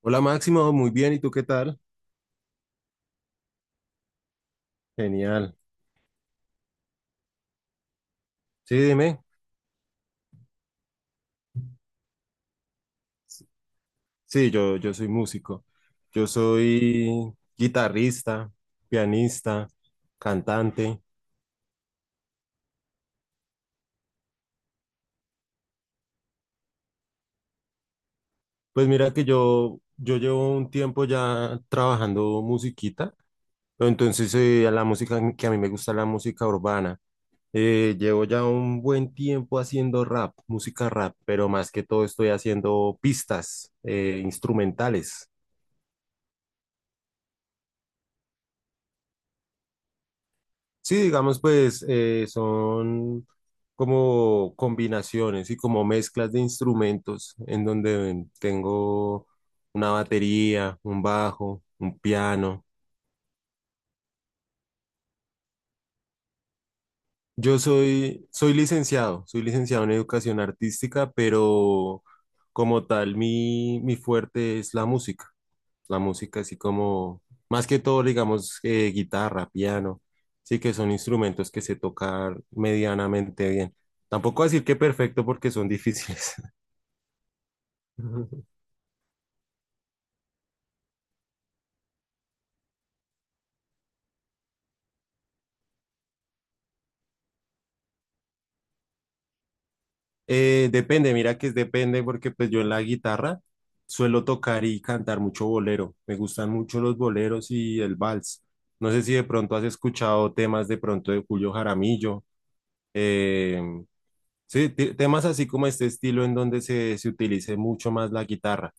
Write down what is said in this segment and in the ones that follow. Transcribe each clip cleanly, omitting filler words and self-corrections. Hola Máximo, muy bien, ¿y tú qué tal? Genial. Sí, dime. Sí, yo soy músico. Yo soy guitarrista, pianista, cantante. Pues mira que yo llevo un tiempo ya trabajando musiquita, pero entonces la música que a mí me gusta es la música urbana. Llevo ya un buen tiempo haciendo rap, música rap, pero más que todo estoy haciendo pistas instrumentales. Sí, digamos, pues son como combinaciones y como mezclas de instrumentos en donde tengo una batería, un bajo, un piano. Yo soy licenciado, soy licenciado en educación artística, pero como tal mi fuerte es la música. La música así como, más que todo, digamos, guitarra, piano, sí que son instrumentos que se tocan medianamente bien. Tampoco decir que perfecto porque son difíciles. Depende, mira que es depende porque pues yo en la guitarra suelo tocar y cantar mucho bolero. Me gustan mucho los boleros y el vals. No sé si de pronto has escuchado temas de pronto de Julio Jaramillo. eh, sí, temas así como este estilo en donde se utilice mucho más la guitarra.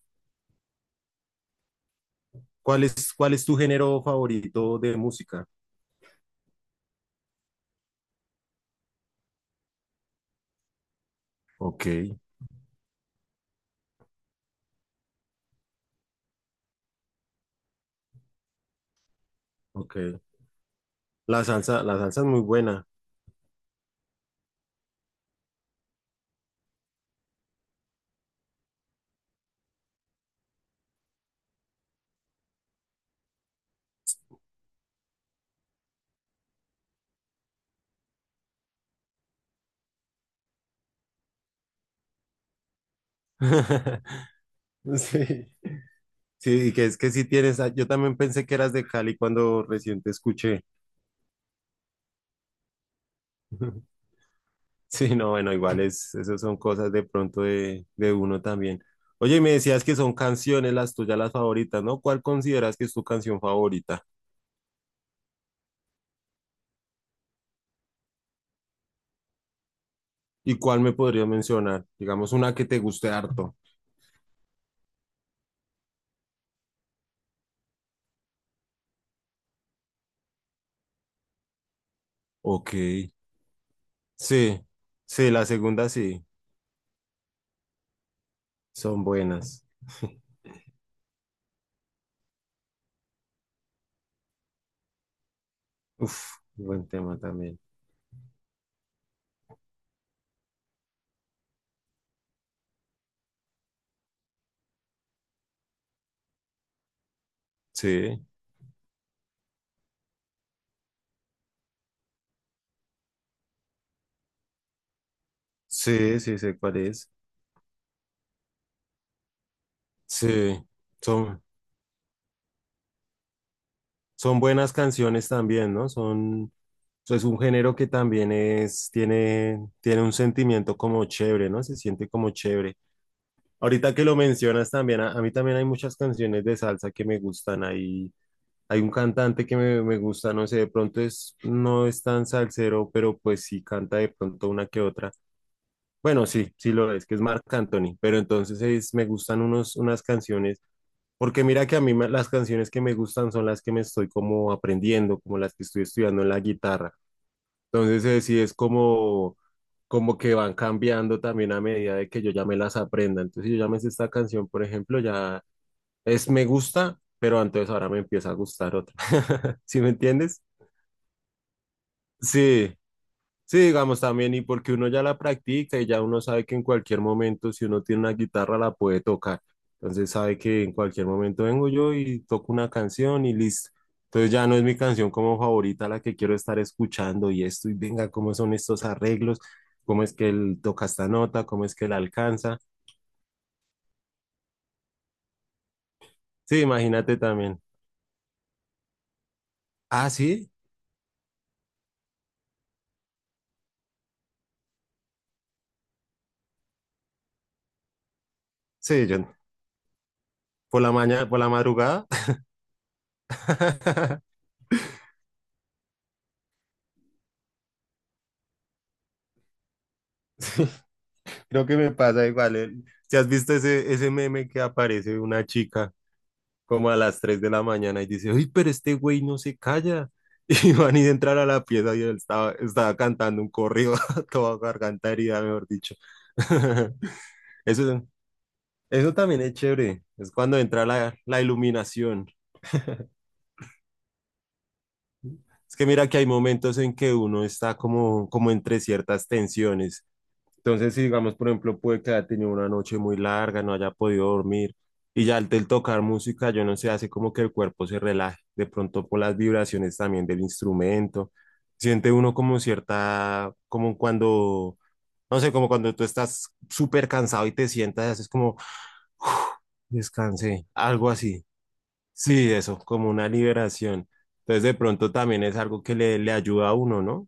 ¿Cuál es tu género favorito de música? Ok, ok. La salsa es muy buena. Sí, sí, y que es que sí tienes, ah, yo también pensé que eras de Cali cuando recién te escuché. Sí, no, bueno, igual esas son cosas de pronto de uno también. Oye, y me decías que son canciones las tuyas, las favoritas, ¿no? ¿Cuál consideras que es tu canción favorita? ¿Y cuál me podrías mencionar? Digamos, una que te guste harto. Ok, sí, sí, la segunda sí. Son buenas. Uf, buen tema también. Sí, sí, sí, sé cuál es. Sí, son, son buenas canciones también, ¿no? Es un género que también tiene un sentimiento como chévere, ¿no? Se siente como chévere. Ahorita que lo mencionas también, a mí también hay muchas canciones de salsa que me gustan. Hay un cantante que me gusta, no sé, de pronto no es tan salsero, pero pues sí canta de pronto una que otra. Bueno, sí, sí lo es, que es Marc Anthony, pero entonces me gustan unas canciones, porque mira que a mí las canciones que me gustan son las que me estoy como aprendiendo, como las que estoy estudiando en la guitarra. Entonces sí es como que van cambiando también a medida de que yo ya me las aprenda. Entonces si yo ya me sé esta canción, por ejemplo, ya es me gusta, pero entonces ahora me empieza a gustar otra. ¿Sí me entiendes? Sí. Sí, digamos también, y porque uno ya la practica y ya uno sabe que en cualquier momento, si uno tiene una guitarra, la puede tocar. Entonces sabe que en cualquier momento vengo yo y toco una canción y listo. Entonces ya no es mi canción como favorita la que quiero estar escuchando y esto, y venga, cómo son estos arreglos, cómo es que él toca esta nota, cómo es que la alcanza. Sí, imagínate también. Ah, sí, sí, yo por la mañana, por la madrugada. Creo que me pasa igual. Si has visto ese meme que aparece una chica como a las 3 de la mañana y dice, uy, pero este güey no se calla. Y van y entrar a la pieza y él estaba cantando un corrido toda garganta herida, mejor dicho. Eso, eso también es chévere. Es cuando entra la iluminación. Es que mira que hay momentos en que uno está como entre ciertas tensiones. Entonces, si digamos, por ejemplo, puede que haya tenido una noche muy larga, no haya podido dormir, y ya al del tocar música, yo no sé, hace como que el cuerpo se relaje, de pronto por las vibraciones también del instrumento, siente uno como cierta, como cuando, no sé, como cuando tú estás súper cansado y te sientas, y haces como, descansé, algo así. Sí, eso, como una liberación. Entonces, de pronto también es algo que le ayuda a uno, ¿no?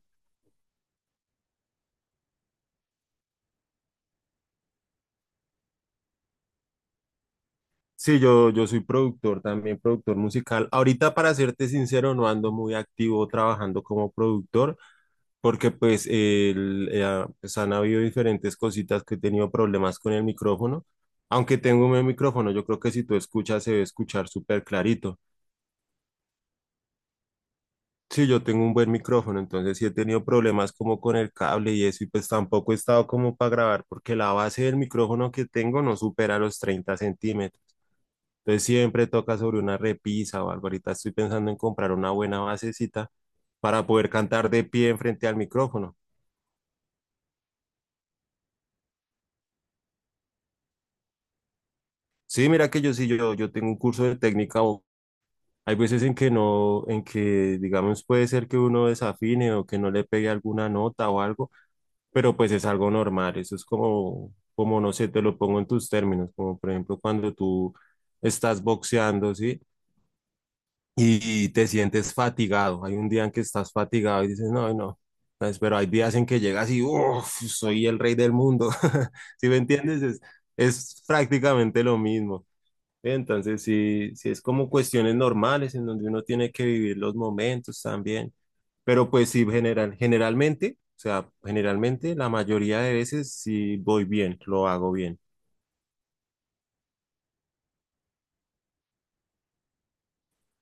Sí, yo soy productor también, productor musical. Ahorita, para serte sincero, no ando muy activo trabajando como productor, porque pues, ah, pues han habido diferentes cositas que he tenido problemas con el micrófono. Aunque tengo un buen micrófono, yo creo que si tú escuchas se debe escuchar súper clarito. Sí, yo tengo un buen micrófono, entonces sí he tenido problemas como con el cable y eso, y pues tampoco he estado como para grabar, porque la base del micrófono que tengo no supera los 30 centímetros. Entonces siempre toca sobre una repisa o algo. Ahorita estoy pensando en comprar una buena basecita para poder cantar de pie frente al micrófono. Sí, mira que yo sí, yo tengo un curso de técnica vocal. Hay veces en que no, en que digamos puede ser que uno desafine o que no le pegue alguna nota o algo, pero pues es algo normal. Eso es como no sé, te lo pongo en tus términos, como por ejemplo cuando tú estás boxeando, ¿sí? Y te sientes fatigado. Hay un día en que estás fatigado y dices, no, no. Pues, pero hay días en que llegas y, uff, soy el rey del mundo. ¿Sí me entiendes? Es prácticamente lo mismo. Entonces, sí, sí es como cuestiones normales en donde uno tiene que vivir los momentos también. Pero pues sí, generalmente, o sea, generalmente la mayoría de veces sí voy bien, lo hago bien.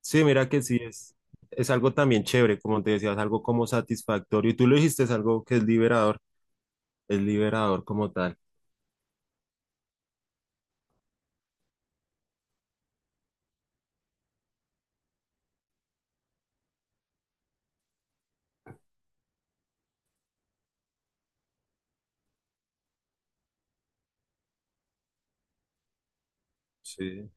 Sí, mira que sí es algo también chévere, como te decía, es algo como satisfactorio. Y tú lo dijiste, es algo que es liberador como tal. Sí.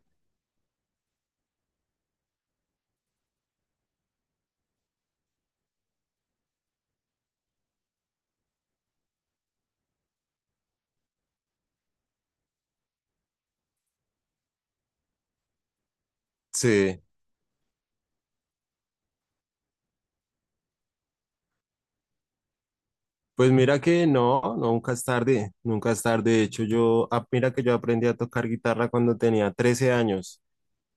Sí. Pues mira que no, nunca es tarde, nunca es tarde. De hecho, ah, mira que yo aprendí a tocar guitarra cuando tenía 13 años,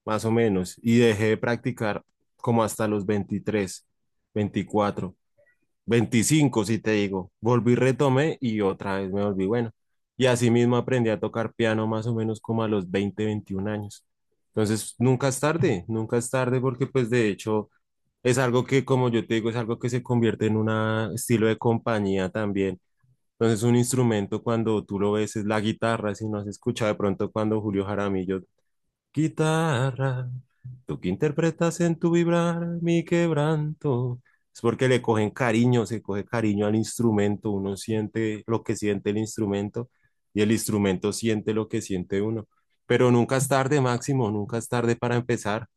más o menos, y dejé de practicar como hasta los 23 24 25 si te digo. Volví, retomé y otra vez me volví bueno. Y así mismo aprendí a tocar piano más o menos como a los 20 21 años. Entonces, nunca es tarde, nunca es tarde porque pues de hecho es algo que, como yo te digo, es algo que se convierte en un estilo de compañía también. Entonces, un instrumento cuando tú lo ves es la guitarra, si no has escuchado de pronto cuando Julio Jaramillo Guitarra, tú que interpretas en tu vibrar mi quebranto. Es porque le cogen cariño, se coge cariño al instrumento, uno siente lo que siente el instrumento y el instrumento siente lo que siente uno. Pero nunca es tarde, Máximo, nunca es tarde para empezar.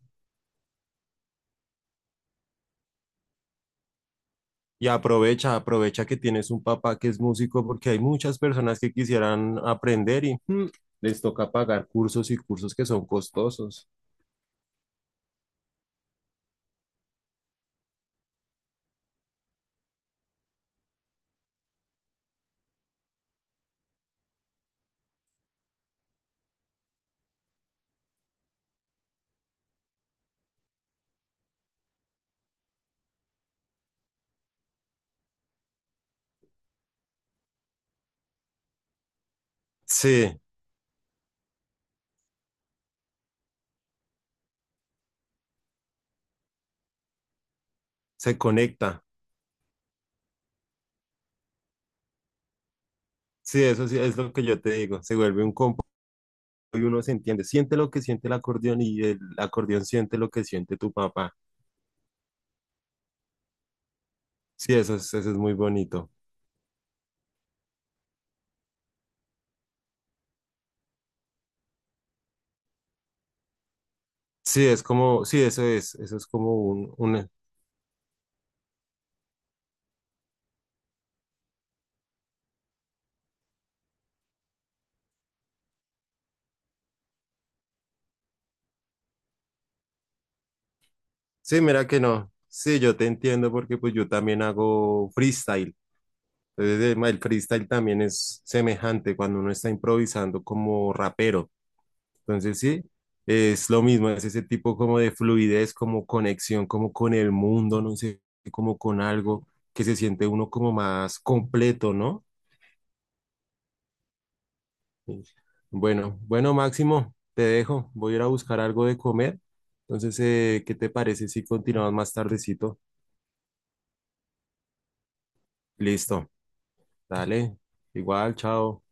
Y aprovecha, aprovecha que tienes un papá que es músico porque hay muchas personas que quisieran aprender y les toca pagar cursos y cursos que son costosos. Sí, se conecta. Sí, eso sí, es lo que yo te digo. Se vuelve un combo y uno se entiende. Siente lo que siente el acordeón y el acordeón siente lo que siente tu papá. Sí, eso es muy bonito. Sí, es como, sí, eso es como un. Sí, mira que no. Sí, yo te entiendo porque pues yo también hago freestyle. Entonces, el freestyle también es semejante cuando uno está improvisando como rapero. Entonces sí, es lo mismo, es ese tipo como de fluidez, como conexión, como con el mundo, no sé, como con algo que se siente uno como más completo, ¿no? Bueno, bueno, Máximo, te dejo, voy a ir a buscar algo de comer. Entonces, ¿qué te parece si continuamos más tardecito? Listo, dale, igual, chao.